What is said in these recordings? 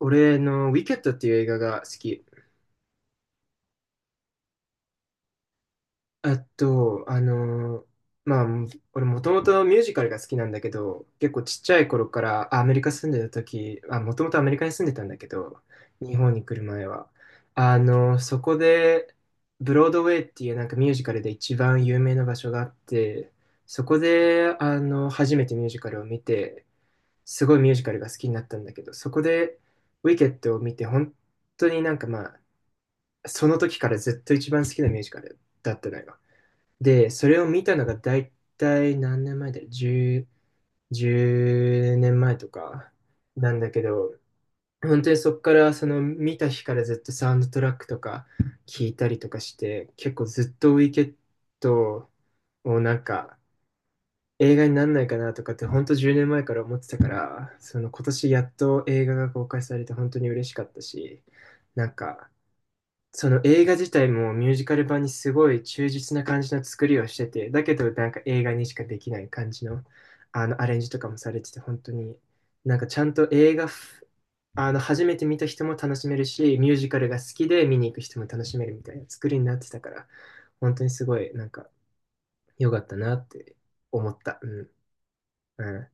俺の、ウィケットっていう映画が好き。あと、まあ、俺もともとミュージカルが好きなんだけど、結構ちっちゃい頃からアメリカ住んでた時、もともとアメリカに住んでたんだけど、日本に来る前は。そこで、ブロードウェイっていうなんかミュージカルで一番有名な場所があって、そこで、初めてミュージカルを見て、すごいミュージカルが好きになったんだけど、そこで、ウィケットを見て、本当になんかまあ、その時からずっと一番好きなミュージカルだったのよ。で、それを見たのが大体何年前だよ。10、年前とかなんだけど、本当にそこからその見た日からずっとサウンドトラックとか聞いたりとかして、結構ずっとウィケットをなんか映画になんないかなとかって本当10年前から思ってたから、その今年やっと映画が公開されて本当に嬉しかったし、なんかその映画自体もミュージカル版にすごい忠実な感じの作りをしてて、だけどなんか映画にしかできない感じの、アレンジとかもされてて、本当になんかちゃんと映画ふ、あの初めて見た人も楽しめるし、ミュージカルが好きで見に行く人も楽しめるみたいな作りになってたから、本当にすごいなんか良かったなって思った。うん。うん。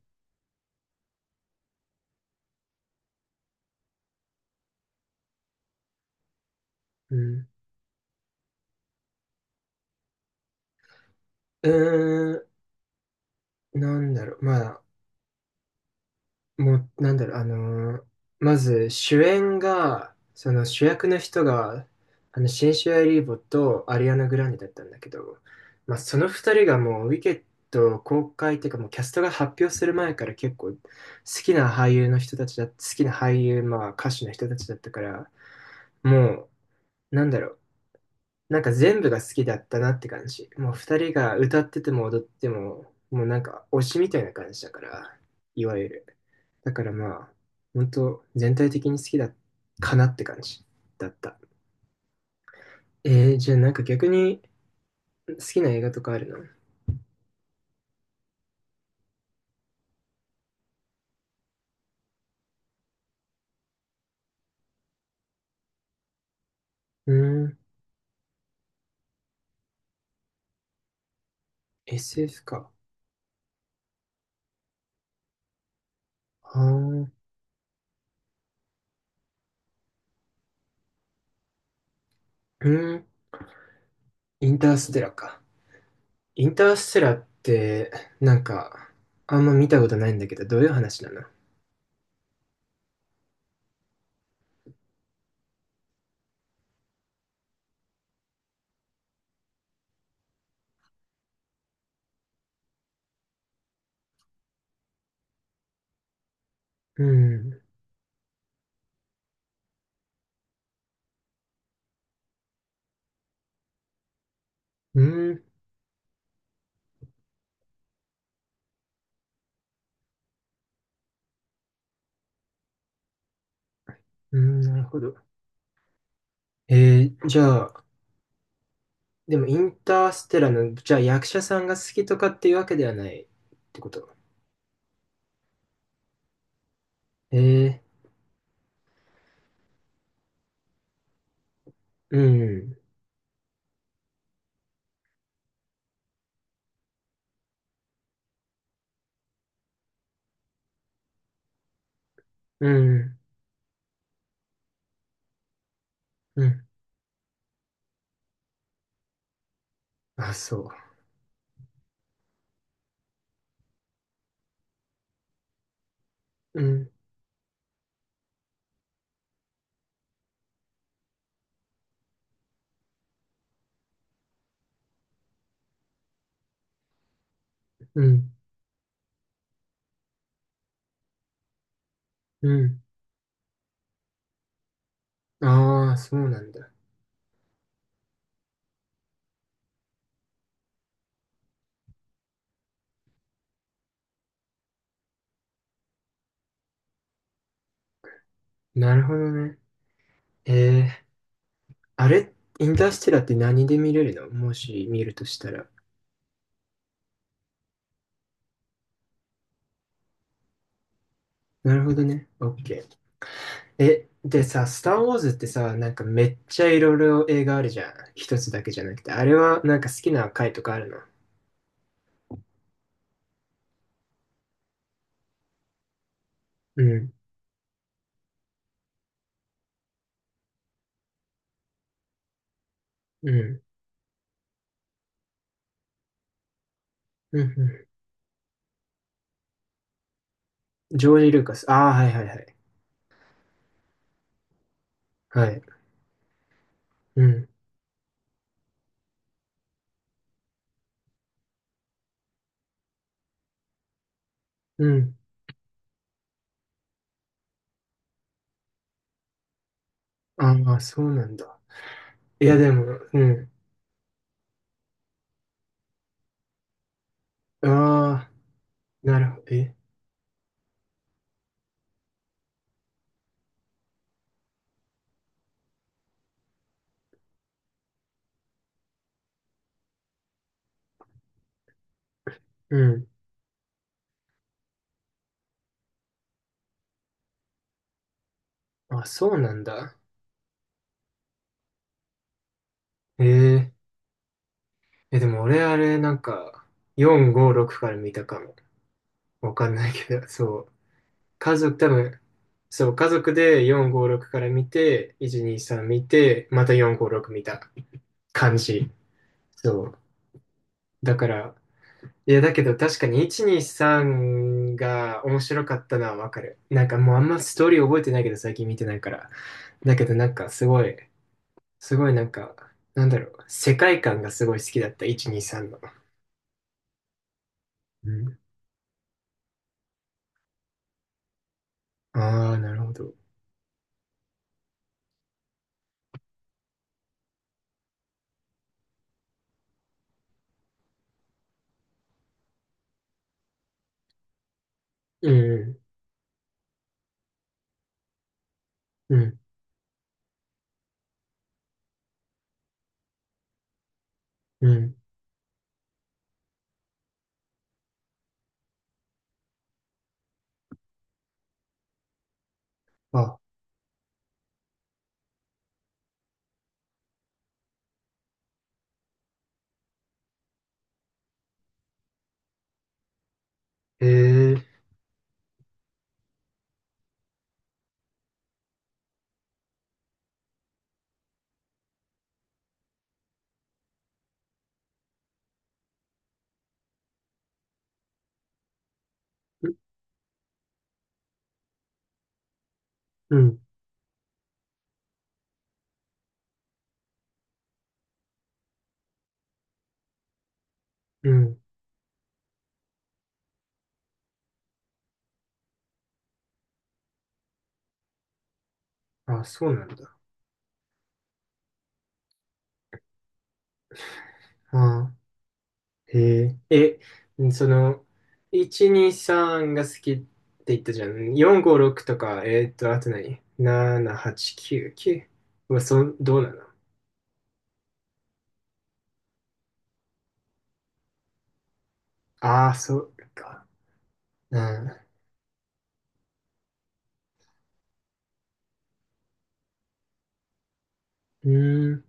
うん。うーん、なんだろう。まあもう、なんだろう、まず主演が、その主役の人が、シンシア・リーボとアリアナ・グランデだったんだけど、まあ、その二人がもう、ウィケット公開っていうか、もうキャストが発表する前から結構、好きな俳優の人たちだ、好きな俳優、まあ、歌手の人たちだったから、もう、なんだろう、なんか全部が好きだったなって感じ。もう二人が歌ってても踊っても、もうなんか推しみたいな感じだから、いわゆる。だからまあ、本当全体的に好きだかなって感じだった。じゃあなんか逆に好きな映画とかあるの？うーん、SF か。あー、うーん、インターステラーか。インターステラーって、なんか、あんま見たことないんだけど、どういう話なの？うん、うん、うん、なるほど。じゃあ、でもインターステラーの、じゃあ役者さんが好きとかっていうわけではないってこと。えー、うん、うん、うん、あ、そう。うん、うん、うん。ああ、そうなんだ。なるほどね。えー、あれ、インターステラーって何で見れるの？もし見るとしたら。なるほどね。オッケー。え、でさ、スター・ウォーズってさ、なんかめっちゃいろいろ映画あるじゃん。一つだけじゃなくて。あれはなんか好きな回とかあるの？うん、うん、うん、うん。ジョージ・ルーカス。ああ、はいはいはい。はい。うん、うん。ああ、そうなんだ。いや、でも、うん。ああ、なるほど。え、うん。あ、そうなんだ。え、ええ、でも俺あれ、なんか、4、5、6から見たかも。わかんないけど、そう。家族、多分、そう、家族で4、5、6から見て、1、2、3見て、また4、5、6見た感じ。そう。だから、いや、だけど確かに1、2、3が面白かったのはわかる。なんかもうあんまストーリー覚えてないけど、最近見てないから。だけどなんかすごい、すごいなんか、なんだろう、世界観がすごい好きだった、1、2、3の。ああ、なるほど。うん、うん、うん。あ、へえ、ううん、うん。あ、そうなんだ。あー、へえ。え、その、1、2、3が好きって言ったじゃん。4、5、6とか、あと何 ?7、8、9、9。どうなの？ああー、そうか。うん、うーん、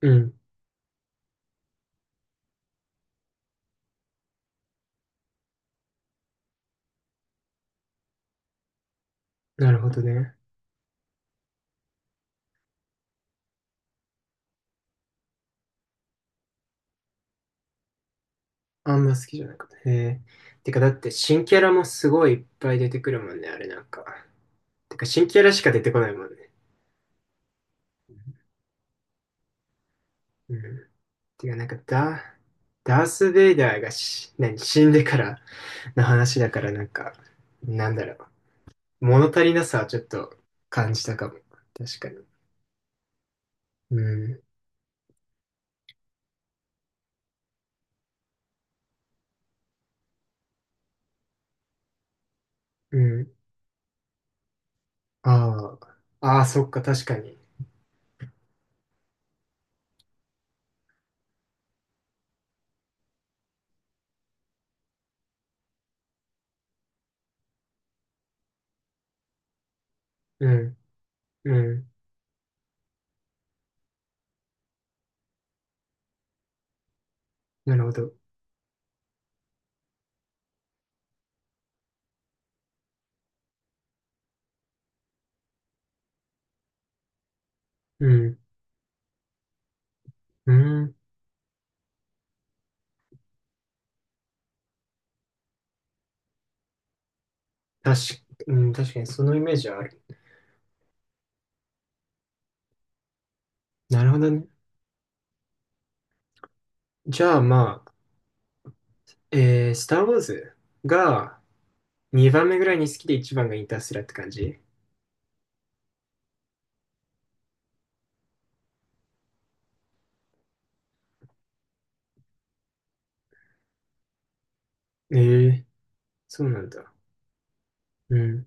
うん。なるほどね。あんま好きじゃなかった。へえ。てか、だって新キャラもすごいいっぱい出てくるもんね、あれなんか。てか、新キャラしか出てこないもんね。うん。てか、なんか、ダース・ベイダーが何、死んでからの話だから、なんか、なんだろう。物足りなさはちょっと感じたかも。確かに。うん。うん。ああ。ああ、そっか、確かに。うん。うん。なるほど。うん。うん。確か、うん、確かに、そのイメージはある。なるほどね。じゃあ、まあ、スター・ウォーズが2番目ぐらいに好きで1番がインターステラーって感じ？ええ、そうなんだ。うん。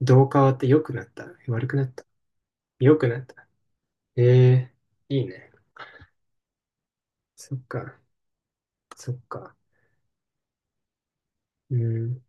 どう変わって？良くなった、悪くなった？良くなった。ええ、いいね。そっか、そっか。うん。